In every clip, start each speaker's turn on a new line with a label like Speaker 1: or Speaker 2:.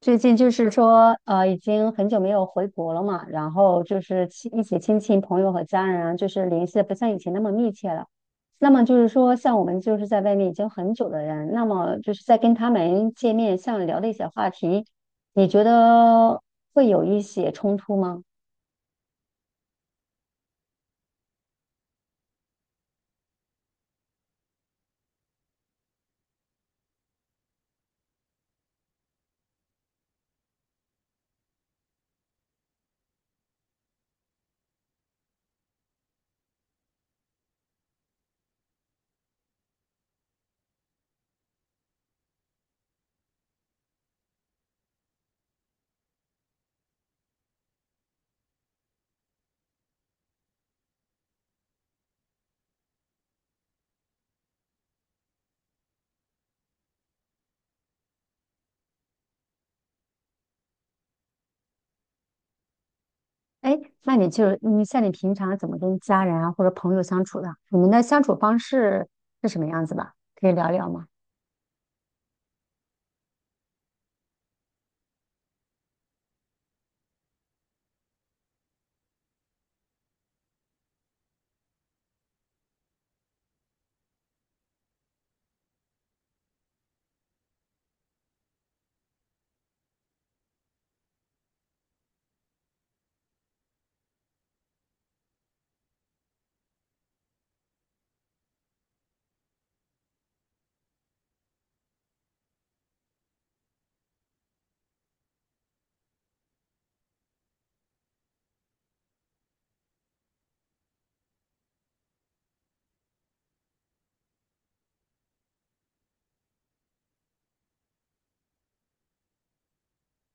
Speaker 1: 最近就是说，已经很久没有回国了嘛，然后就是亲一起亲戚朋友和家人啊，就是联系的不像以前那么密切了。那么就是说，像我们就是在外面已经很久的人，那么就是在跟他们见面，像聊的一些话题，你觉得会有一些冲突吗？哎，那你就是你像你平常怎么跟家人啊或者朋友相处的？你们的相处方式是什么样子吧？可以聊聊吗？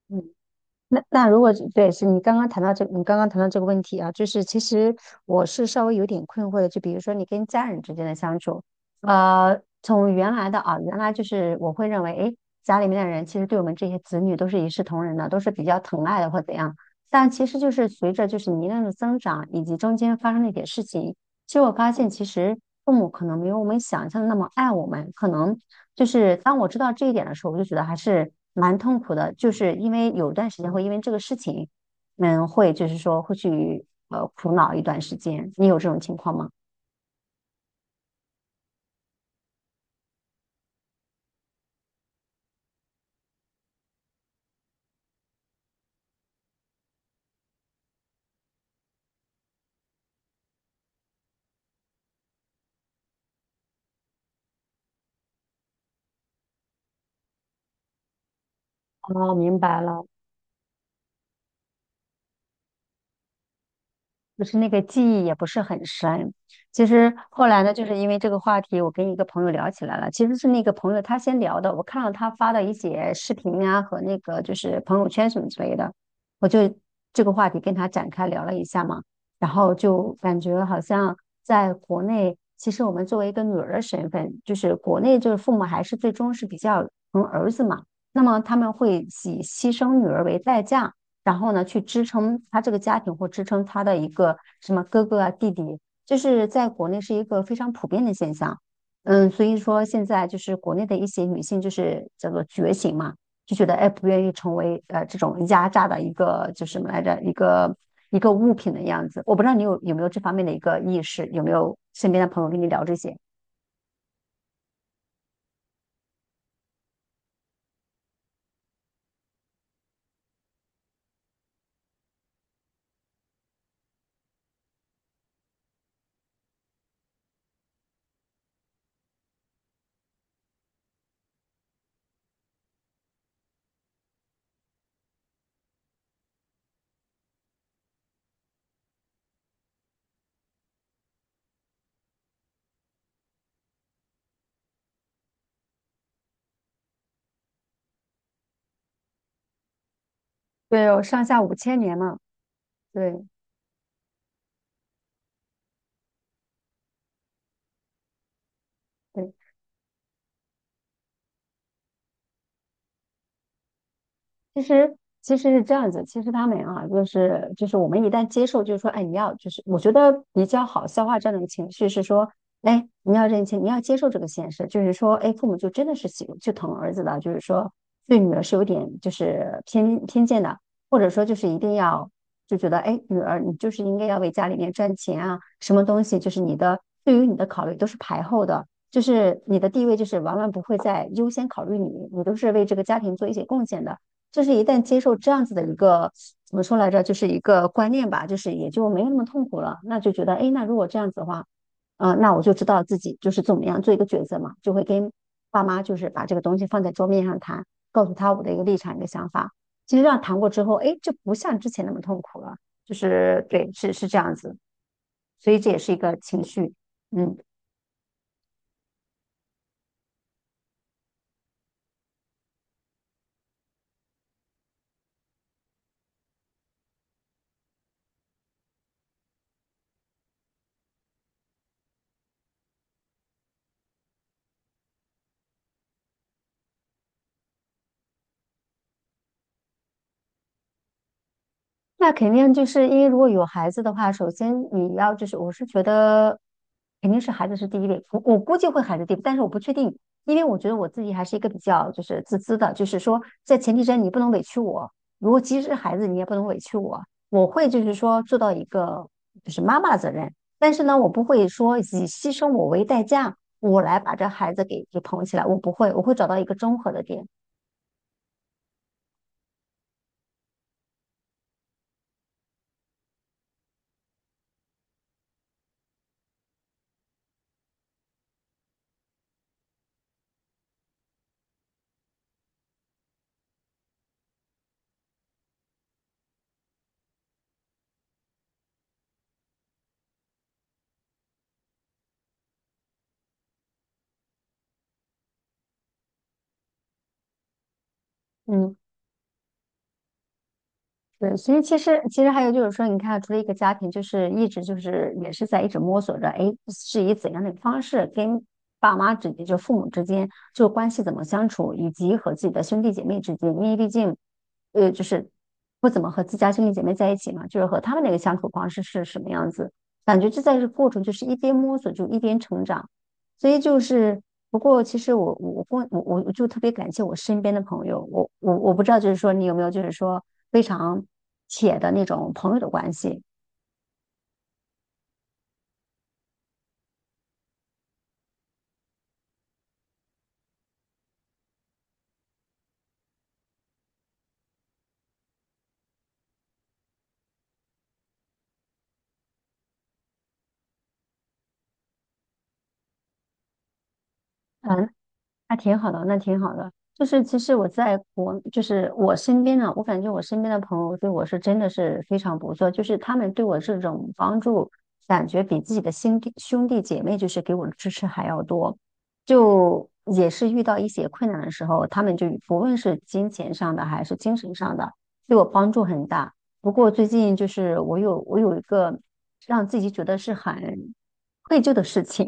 Speaker 1: 嗯。那如果对，你刚刚谈到这个问题啊，就是其实我是稍微有点困惑的，就比如说你跟家人之间的相处，从原来的啊，原来就是我会认为，诶，家里面的人其实对我们这些子女都是一视同仁的，都是比较疼爱的或怎样，但其实就是随着就是年龄的增长以及中间发生的一些事情。其实我发现，其实父母可能没有我们想象的那么爱我们。可能就是当我知道这一点的时候，我就觉得还是蛮痛苦的。就是因为有一段时间会因为这个事情，会就是说会去苦恼一段时间。你有这种情况吗？哦，明白了。就是那个记忆也不是很深。其实后来呢，就是因为这个话题，我跟一个朋友聊起来了。其实是那个朋友他先聊的，我看到他发的一些视频啊和那个就是朋友圈什么之类的，我就这个话题跟他展开聊了一下嘛。然后就感觉好像在国内，其实我们作为一个女儿的身份，就是国内就是父母还是最终是比较疼儿子嘛，那么他们会以牺牲女儿为代价。然后呢，去支撑他这个家庭或支撑他的一个什么哥哥啊、弟弟，就是在国内是一个非常普遍的现象。嗯，所以说现在就是国内的一些女性就是叫做觉醒嘛，就觉得哎不愿意成为这种压榨的一个就是什么来着一个物品的样子。我不知道你有没有这方面的一个意识，有没有身边的朋友跟你聊这些？对，有上下五千年嘛，对对。其实其实是这样子，其实他们啊，就是我们一旦接受，就是说，哎，你要就是我觉得比较好消化这样的情绪是说，哎，你要认清，你要接受这个现实，就是说，哎，父母就真的是疼儿子的，就是说对女儿是有点就是偏见的，或者说就是一定要就觉得，哎，女儿你就是应该要为家里面赚钱啊，什么东西就是你的对于你的考虑都是排后的。就是你的地位，就是往往不会再优先考虑你，你都是为这个家庭做一些贡献的。就是一旦接受这样子的一个怎么说来着，就是一个观念吧，就是也就没有那么痛苦了。那就觉得，哎，那如果这样子的话，那我就知道自己就是怎么样做一个抉择嘛，就会跟爸妈就是把这个东西放在桌面上谈，告诉他我的一个立场、一个想法。其实这样谈过之后，哎，就不像之前那么痛苦了。就是对，是这样子，所以这也是一个情绪，嗯。那肯定就是因为如果有孩子的话，首先你要就是，我是觉得肯定是孩子是第一位，我估计会孩子第一位但是我不确定，因为我觉得我自己还是一个比较就是自私的，就是说在前提之下你不能委屈我，如果即使是孩子你也不能委屈我，我会就是说做到一个就是妈妈的责任，但是呢，我不会说以牺牲我为代价，我来把这孩子给捧起来，我不会，我会找到一个综合的点，嗯。对，所以其实还有就是说，你看，除了一个家庭，就是一直就是也是在一直摸索着，哎，是以怎样的方式跟爸妈之间，就父母之间，就关系怎么相处，以及和自己的兄弟姐妹之间，因为毕竟，就是不怎么和自家兄弟姐妹在一起嘛，就是和他们那个相处方式是什么样子，感觉这在这过程就是一边摸索就一边成长。所以就是，不过其实我我我跟我我我就特别感谢我身边的朋友，我不知道就是说你有没有就是说非常铁的那种朋友的关系，嗯。那挺好的，那挺好的。就是其实我在国，就是我身边呢，我感觉我身边的朋友对我是真的是非常不错，就是他们对我这种帮助，感觉比自己的兄弟姐妹就是给我的支持还要多。就也是遇到一些困难的时候，他们就不论是金钱上的还是精神上的，对我帮助很大。不过最近就是我有一个让自己觉得是很愧疚的事情，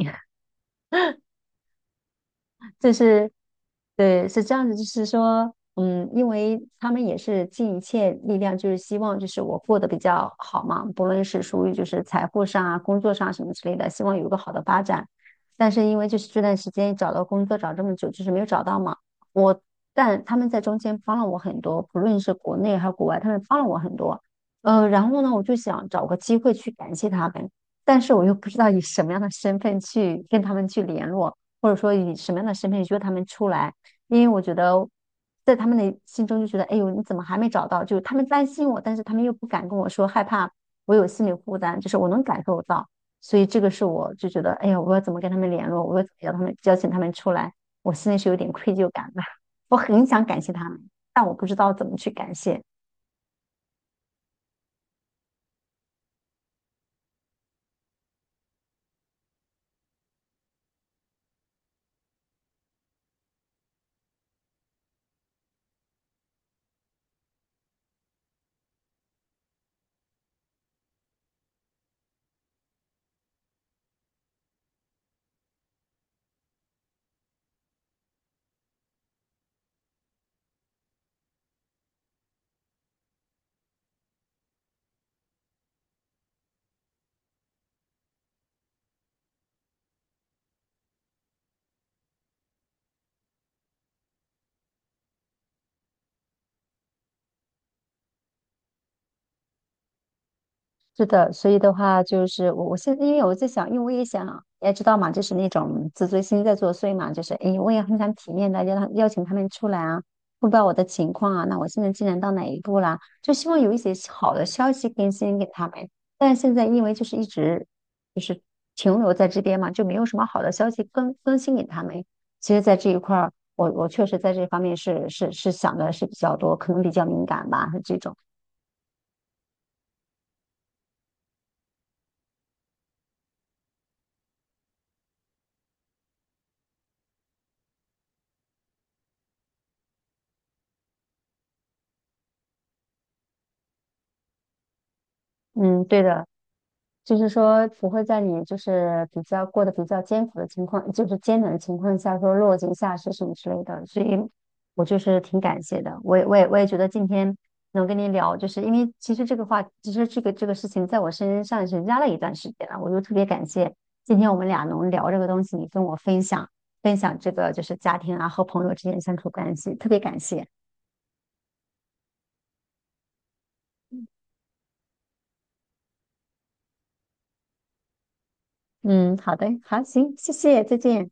Speaker 1: 这是对，是这样子，就是说，因为他们也是尽一切力量，就是希望就是我过得比较好嘛，不论是属于就是财富上啊、工作上什么之类的，希望有一个好的发展。但是因为就是这段时间找到工作找这么久，就是没有找到嘛，我但他们在中间帮了我很多，不论是国内还是国外，他们帮了我很多。然后呢，我就想找个机会去感谢他们，但是我又不知道以什么样的身份去跟他们去联络。或者说以什么样的身份约他们出来，因为我觉得在他们的心中就觉得，哎呦，你怎么还没找到？就是他们担心我，但是他们又不敢跟我说，害怕我有心理负担，就是我能感受到，所以这个是我就觉得，哎呀，我要怎么跟他们联络？我要怎么邀请他们出来？我心里是有点愧疚感的，我很想感谢他们，但我不知道怎么去感谢。是的，所以的话就是我现在因为我在想，因为我也想，你也知道嘛，就是那种自尊心在作祟嘛，就是哎，诶我也很想体面的邀请他们出来啊，汇报我的情况啊，那我现在进展到哪一步啦？就希望有一些好的消息更新给他们，但是现在因为就是一直就是停留在这边嘛，就没有什么好的消息更新给他们。其实，在这一块儿，我确实在这方面是想的是比较多，可能比较敏感吧，是这种。嗯，对的。就是说不会在你就是比较过得比较艰苦的情况，就是艰难的情况下说落井下石什么之类的，所以我就是挺感谢的。我也觉得今天能跟你聊，就是因为其实这个话，其实这个事情在我身上是压了一段时间了，我就特别感谢今天我们俩能聊这个东西，你跟我分享分享这个就是家庭啊和朋友之间相处关系，特别感谢。嗯，好的，好，行，谢谢，再见。